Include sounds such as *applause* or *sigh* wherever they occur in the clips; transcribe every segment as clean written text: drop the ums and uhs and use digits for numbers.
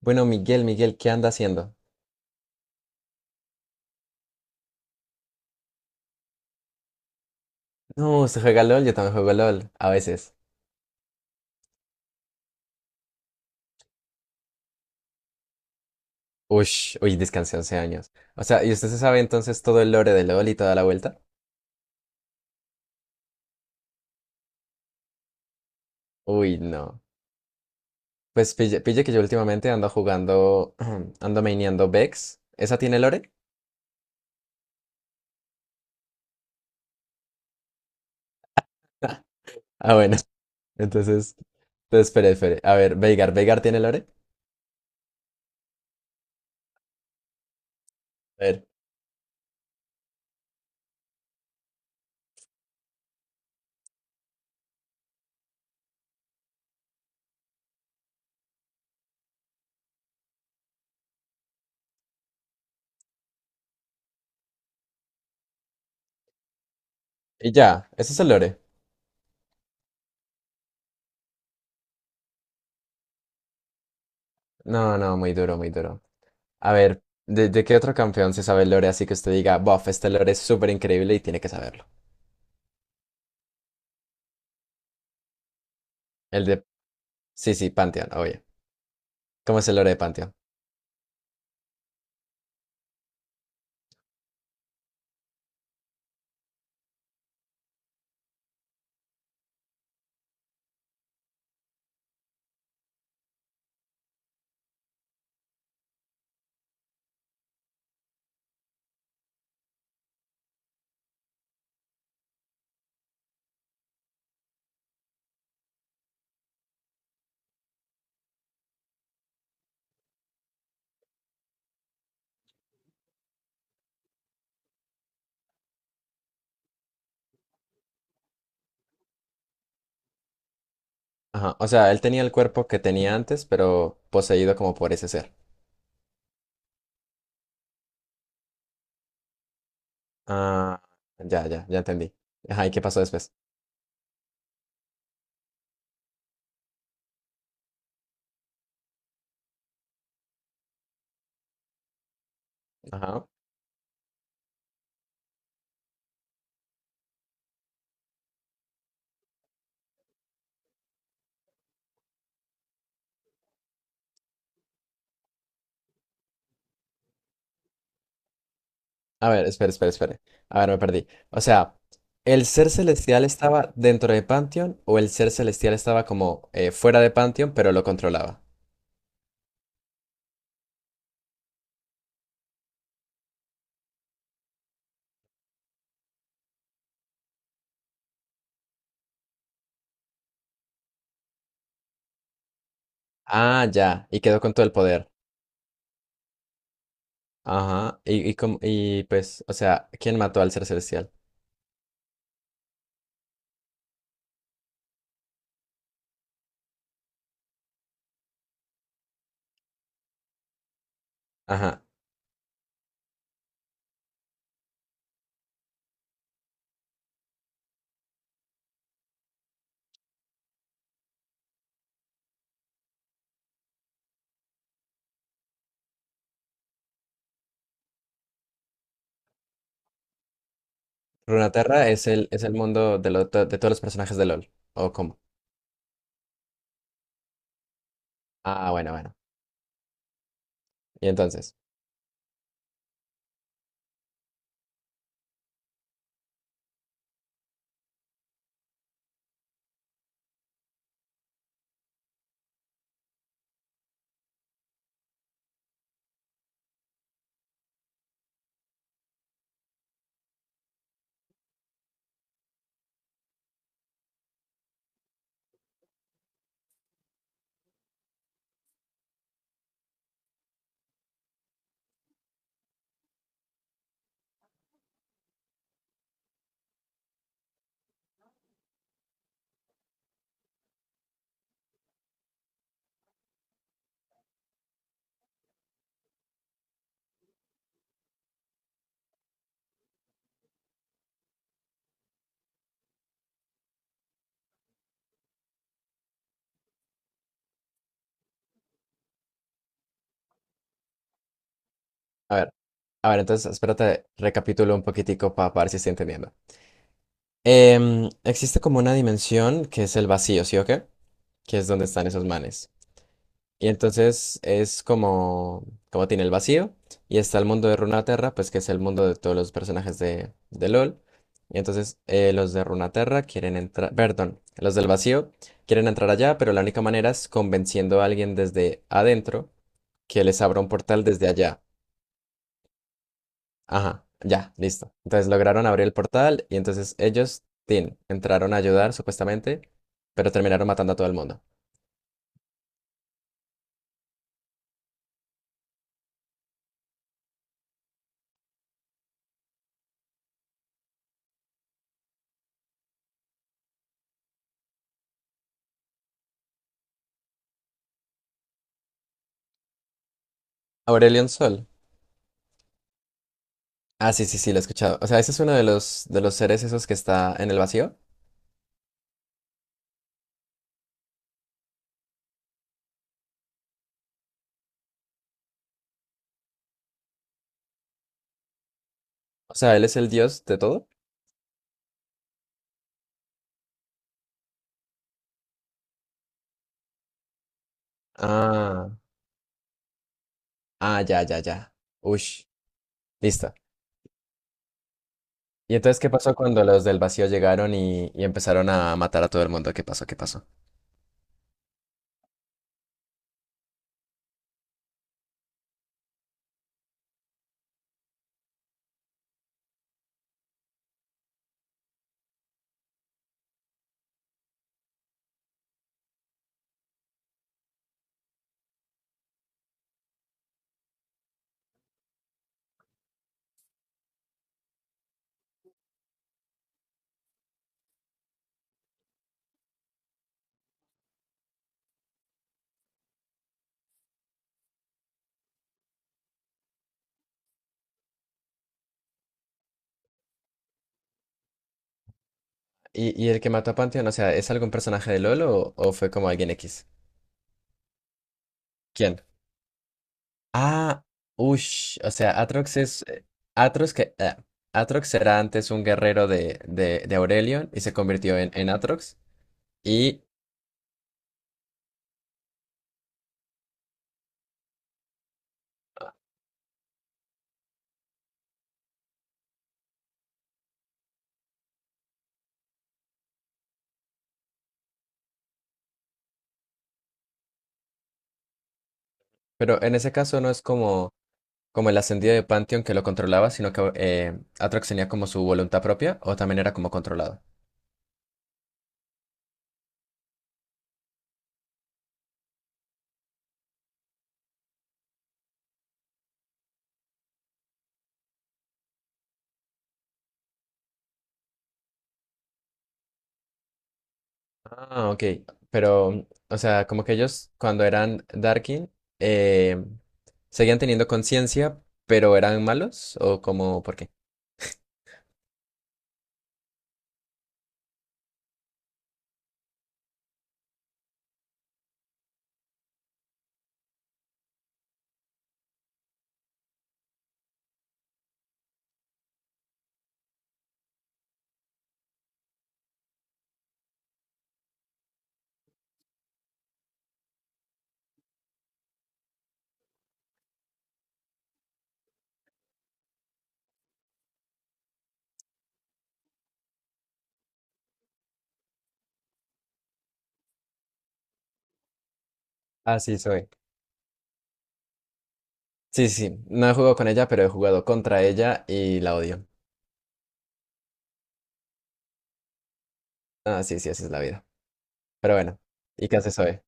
Bueno, Miguel, ¿qué anda haciendo? No, usted juega LOL, yo también juego LOL, a veces. Uy, uy, descansé 11 años. O sea, ¿y usted se sabe entonces todo el lore de LOL y toda la vuelta? Uy, no. Pues pille que yo últimamente ando jugando, *clears throat* ando maineando Vex. ¿Esa tiene lore? *laughs* Ah, bueno, entonces, entonces, espere. A ver, Veigar, ¿Veigar tiene lore? A ver, y ya, ¿eso es el lore? No, no, muy duro, muy duro. A ver, ¿de qué otro campeón se sabe el lore así que usted diga, bof, este lore es súper increíble y tiene que saberlo? El de... Sí, sí, Pantheon, obvio. ¿Cómo es el lore de Pantheon? Ajá. O sea, él tenía el cuerpo que tenía antes, pero poseído como por ese ser. Ah, ya, ya, ya entendí. Ajá, ¿y qué pasó después? Ajá. A ver, espere, espere. A ver, me perdí. O sea, ¿el ser celestial estaba dentro de Pantheon o el ser celestial estaba como fuera de Pantheon, pero lo controlaba? Ah, ya, y quedó con todo el poder. Ajá. Y pues, o sea, ¿quién mató al ser celestial? Ajá. Runeterra es es el mundo de, de todos los personajes de LOL. ¿O cómo? Ah, bueno, bueno. Y entonces, a ver, a ver, entonces espérate, recapitulo un poquitico para ver si estoy entendiendo. Existe como una dimensión que es el vacío, ¿sí o qué? Que es donde están esos manes. Y entonces es como, como tiene el vacío y está el mundo de Runaterra, pues que es el mundo de todos los personajes de LOL. Y entonces los de Runaterra quieren entrar, perdón, los del vacío quieren entrar allá, pero la única manera es convenciendo a alguien desde adentro que les abra un portal desde allá. Ajá, ya, listo. Entonces lograron abrir el portal y entonces ellos, tin, entraron a ayudar supuestamente, pero terminaron matando a todo el mundo. Aurelion Sol. Ah, sí, sí, sí, lo he escuchado. O sea, ese es uno de de los seres esos que está en el vacío. O sea, él es el dios de todo. Ah, ah, ya, ya, ya. Ush, listo. ¿Y entonces qué pasó cuando los del vacío llegaron y empezaron a matar a todo el mundo? ¿Qué pasó? ¿Qué pasó? ¿Y el que mató a Pantheon, o sea, es algún personaje de LoL o fue como alguien X? ¿Quién? Ah, ush, o sea, Atrox es... Atrox que... Atrox era antes un guerrero de Aurelion y se convirtió en Atrox. Y... Pero en ese caso no es como, como el ascendido de Pantheon que lo controlaba, sino que Aatrox tenía como su voluntad propia o también era como controlado. Ah, ok. Pero, mm, o sea, como que ellos cuando eran Darkin eh, seguían teniendo conciencia, pero eran malos o como, ¿por qué? Ah, sí, soy. Sí, sí, no he jugado con ella, pero he jugado contra ella y la odio. Ah, sí, sí, así es la vida. Pero bueno, ¿y qué hace Zoe?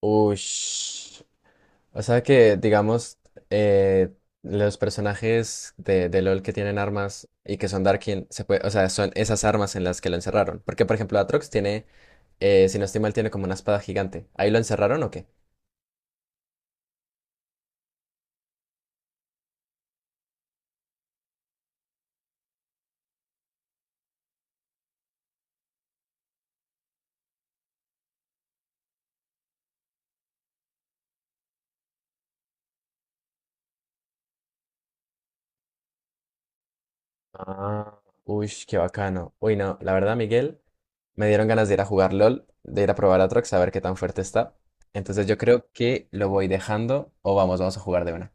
Ush. O sea que, digamos, eh, los personajes de LOL que tienen armas y que son Darkin, se puede, o sea, son esas armas en las que lo encerraron. Porque, por ejemplo, Atrox tiene, si no estoy mal, tiene como una espada gigante. ¿Ahí lo encerraron o qué? Ah, uy, qué bacano. Uy, no, la verdad, Miguel, me dieron ganas de ir a jugar LOL, de ir a probar Atrox, a ver qué tan fuerte está. Entonces yo creo que lo voy dejando o vamos, vamos a jugar de una.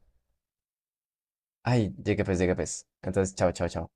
Ay, llegué pues, llegué pues. Entonces, chao, chao, chao.